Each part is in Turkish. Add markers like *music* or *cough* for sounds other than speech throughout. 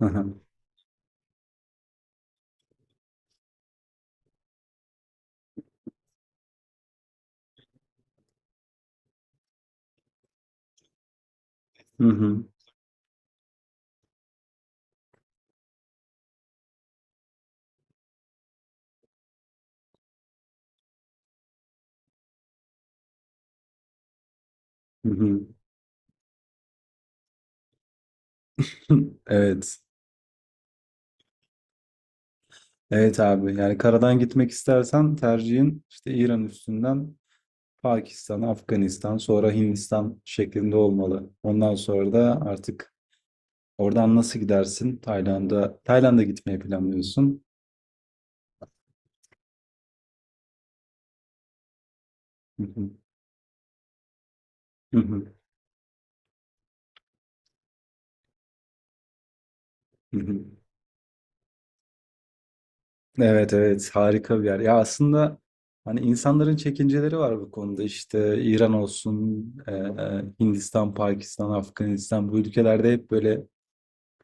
Hı hı. Hı hı. Hı hı. *laughs* Evet. Evet abi. Yani karadan gitmek istersen tercihin işte İran üstünden Pakistan, Afganistan, sonra Hindistan şeklinde olmalı. Ondan sonra da artık oradan nasıl gidersin? Tayland'a gitmeyi planlıyorsun. Hı hı. Hı hı. Hı hı. Evet evet, harika bir yer. Ya aslında hani insanların çekinceleri var bu konuda. İşte İran olsun, Hindistan, Pakistan, Afganistan bu ülkelerde hep böyle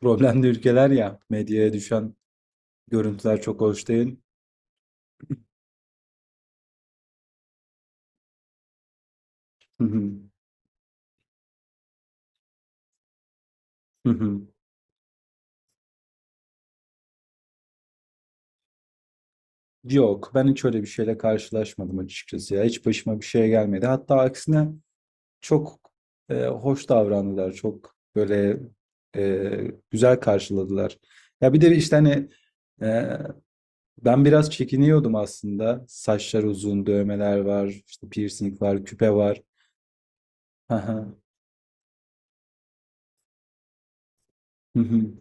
problemli ülkeler ya. Medyaya düşen görüntüler çok hoş değil. Hı hı. Hı hı. Yok, ben hiç öyle bir şeyle karşılaşmadım açıkçası ya. Hiç başıma bir şey gelmedi. Hatta aksine çok hoş davrandılar. Çok böyle güzel karşıladılar. Ya bir de işte hani e, ben biraz çekiniyordum aslında. Saçlar uzun, dövmeler var, işte piercing var, küpe var. Hı hı. Hı hı.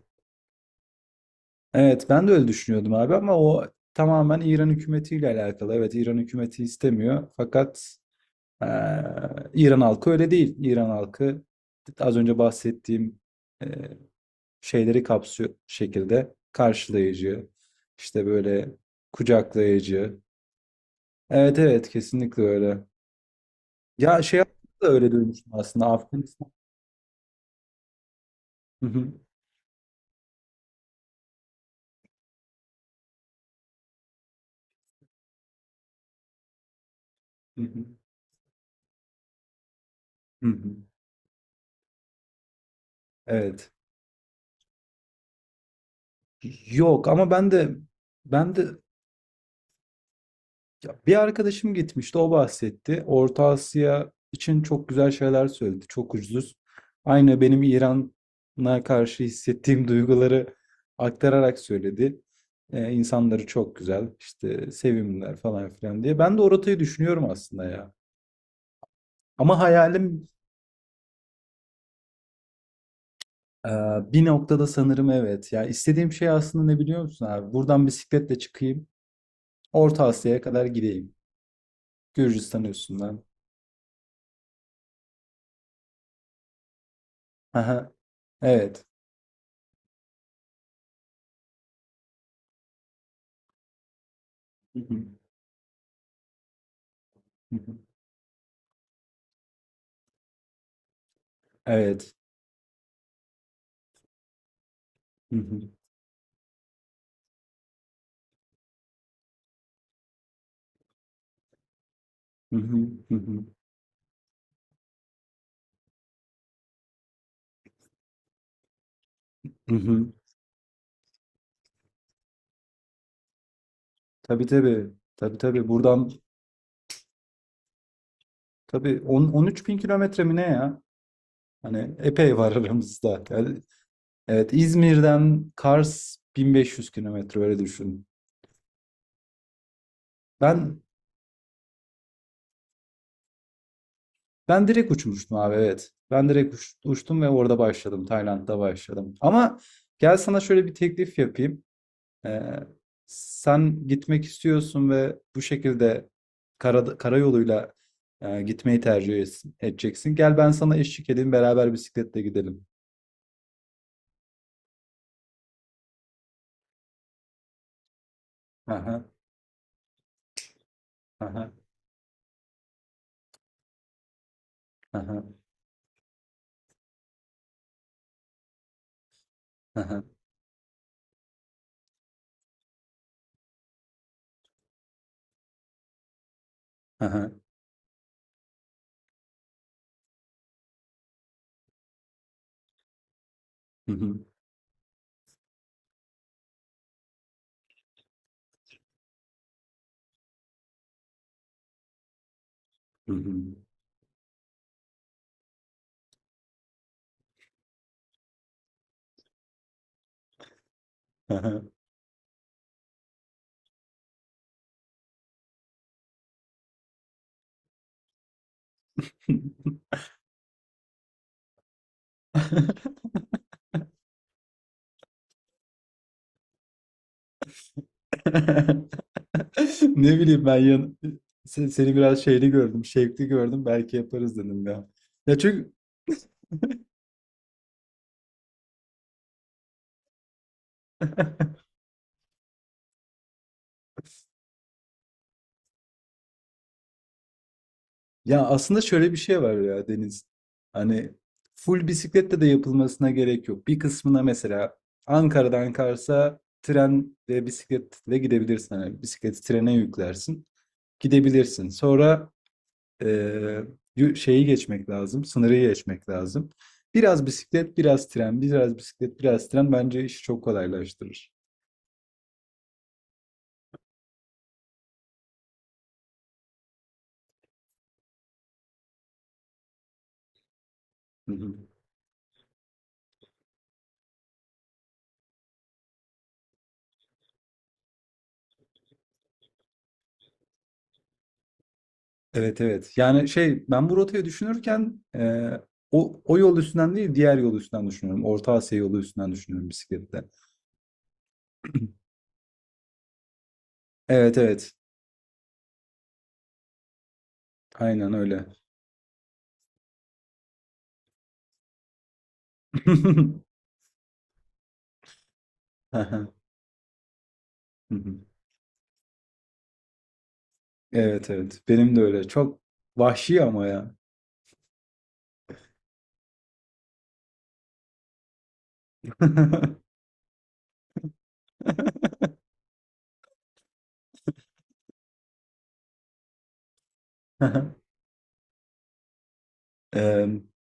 Evet, ben de öyle düşünüyordum abi ama o tamamen İran hükümetiyle alakalı. Evet, İran hükümeti istemiyor fakat eee, İran halkı öyle değil. İran halkı az önce bahsettiğim eee, şeyleri kapsıyor şekilde karşılayıcı, işte böyle kucaklayıcı. Evet evet, kesinlikle öyle. Ya da öyle duymuştum aslında, Afganistan. Hı hı, hı hı, hı hı. Evet. Yok, ama ben de ya, bir arkadaşım gitmişti, o bahsetti. Orta Asya için çok güzel şeyler söyledi. Çok ucuz. Aynı benim İran'a karşı hissettiğim *laughs* duyguları aktararak söyledi. İnsanları çok güzel, işte sevimliler falan filan diye. Ben de o rotayı düşünüyorum aslında ya. Ama hayalim e, bir noktada sanırım, evet. Ya istediğim şey aslında ne biliyor musun abi? Buradan bisikletle çıkayım, Orta Asya'ya kadar gideyim. Gürcistan üstünden. Aha, evet. Hı hı, hı hı. Evet. Hı hı. Hı hı. Hı hı. Hı hı. Tabii tabii. Tabii tabii. Buradan tabii 10 13 bin kilometre mi ne ya? Hani epey var *laughs* aramızda. Yani, evet, İzmir'den Kars 1500 kilometre, öyle düşün. Ben ben direkt uçmuştum abi, evet. Ben direkt uçtum ve orada başladım. Tayland'da başladım. Ama gel sana şöyle bir teklif yapayım. Ee, sen gitmek istiyorsun ve bu şekilde karayoluyla gitmeyi tercih edeceksin. Gel, ben sana eşlik edeyim, beraber bisikletle gidelim. Aha, aha, aha, aha, aha, hı hı, hı hı, aha. *laughs* Ne bileyim, ben seni biraz şeyli gördüm, şevkli gördüm. Belki yaparız dedim ya. Ya, çünkü *laughs* ya aslında şöyle bir şey var ya, Deniz. Hani full bisikletle de yapılmasına gerek yok. Bir kısmına mesela Ankara'dan Kars'a tren ve bisikletle gidebilirsin. Hani bisikleti trene yüklersin. Gidebilirsin. Sonra eee, şeyi geçmek lazım. Sınırı geçmek lazım. Biraz bisiklet, biraz tren, biraz bisiklet, biraz tren, bence işi çok kolaylaştırır. Evet evet. Yani ben bu rotayı düşünürken o yol üstünden değil, diğer yol üstünden düşünüyorum. Orta Asya yolu üstünden düşünüyorum bisiklette. Evet evet. Aynen öyle. *laughs* Aha, hı hı. Evet evet. Benim de öyle. Çok vahşi ama ya. *laughs* Aha. Ee,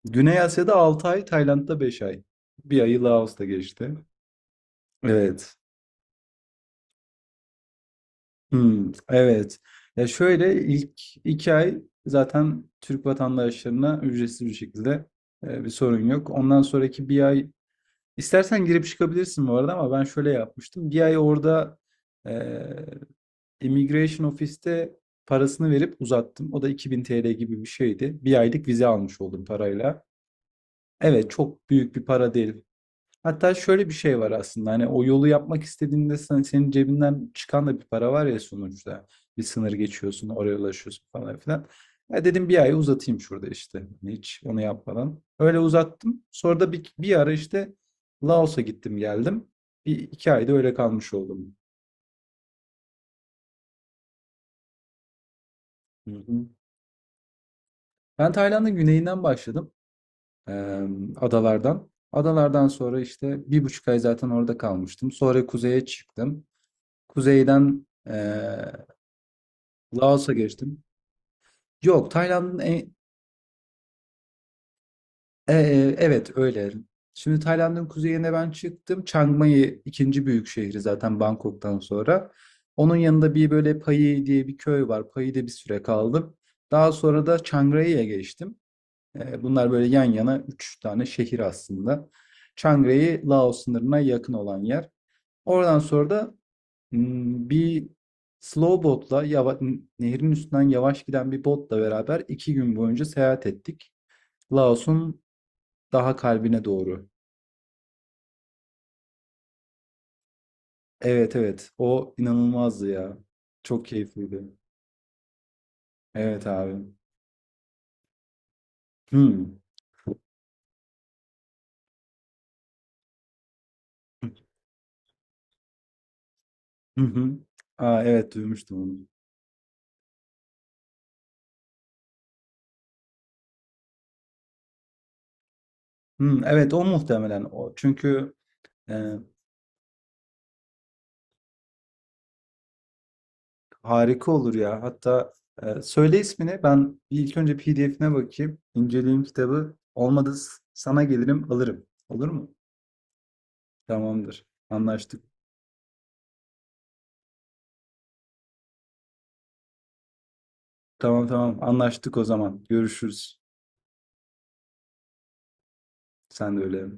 Güney Asya'da 6 ay, Tayland'da 5 ay. Bir ayı Laos'ta geçti. Evet. Hımm, evet. Ya, şöyle, ilk 2 ay zaten Türk vatandaşlarına ücretsiz bir şekilde, bir sorun yok. Ondan sonraki bir ay istersen girip çıkabilirsin bu arada, ama ben şöyle yapmıştım. Bir ay orada, eee, immigration ofiste parasını verip uzattım. O da ₺ 2000 gibi bir şeydi. Bir aylık vize almış oldum parayla. Evet, çok büyük bir para değil. Hatta şöyle bir şey var aslında, hani o yolu yapmak istediğinde sen, senin cebinden çıkan da bir para var ya sonuçta. Bir sınır geçiyorsun, oraya ulaşıyorsun, falan filan. Ya dedim bir ay uzatayım şurada işte, hani hiç onu yapmadan. Öyle uzattım. Sonra da bir ara işte Laos'a gittim geldim. Bir iki ayda öyle kalmış oldum. Hı hı. Ben Tayland'ın güneyinden başladım. Ee, adalardan. Adalardan sonra işte 1,5 ay zaten orada kalmıştım. Sonra kuzeye çıktım. Kuzeyden Laos'a geçtim. Yok, Tayland'ın evet, öyle. Şimdi Tayland'ın kuzeyine ben çıktım. Chiang Mai ikinci büyük şehri zaten Bangkok'tan sonra. Onun yanında bir böyle Pai diye bir köy var. Pai'de bir süre kaldım. Daha sonra da Chiang Rai'ye geçtim. Bunlar böyle yan yana üç tane şehir aslında. Chiang Rai, Laos sınırına yakın olan yer. Oradan sonra da bir slow botla, nehrin üstünden yavaş giden bir botla beraber 2 gün boyunca seyahat ettik. Laos'un daha kalbine doğru. Evet evet, o inanılmazdı ya. Çok keyifliydi. Evet abi. Hmm. Hı hı. Aa, evet, duymuştum onu. Hmm, evet, o muhtemelen o. Çünkü e, harika olur ya. Hatta söyle ismini. Ben bir ilk önce PDF'ine bakayım. İnceleyeyim kitabı. Olmadı sana gelirim alırım. Olur mu? Tamamdır. Anlaştık. Tamam tamam. Anlaştık o zaman. Görüşürüz. Sen de öyle.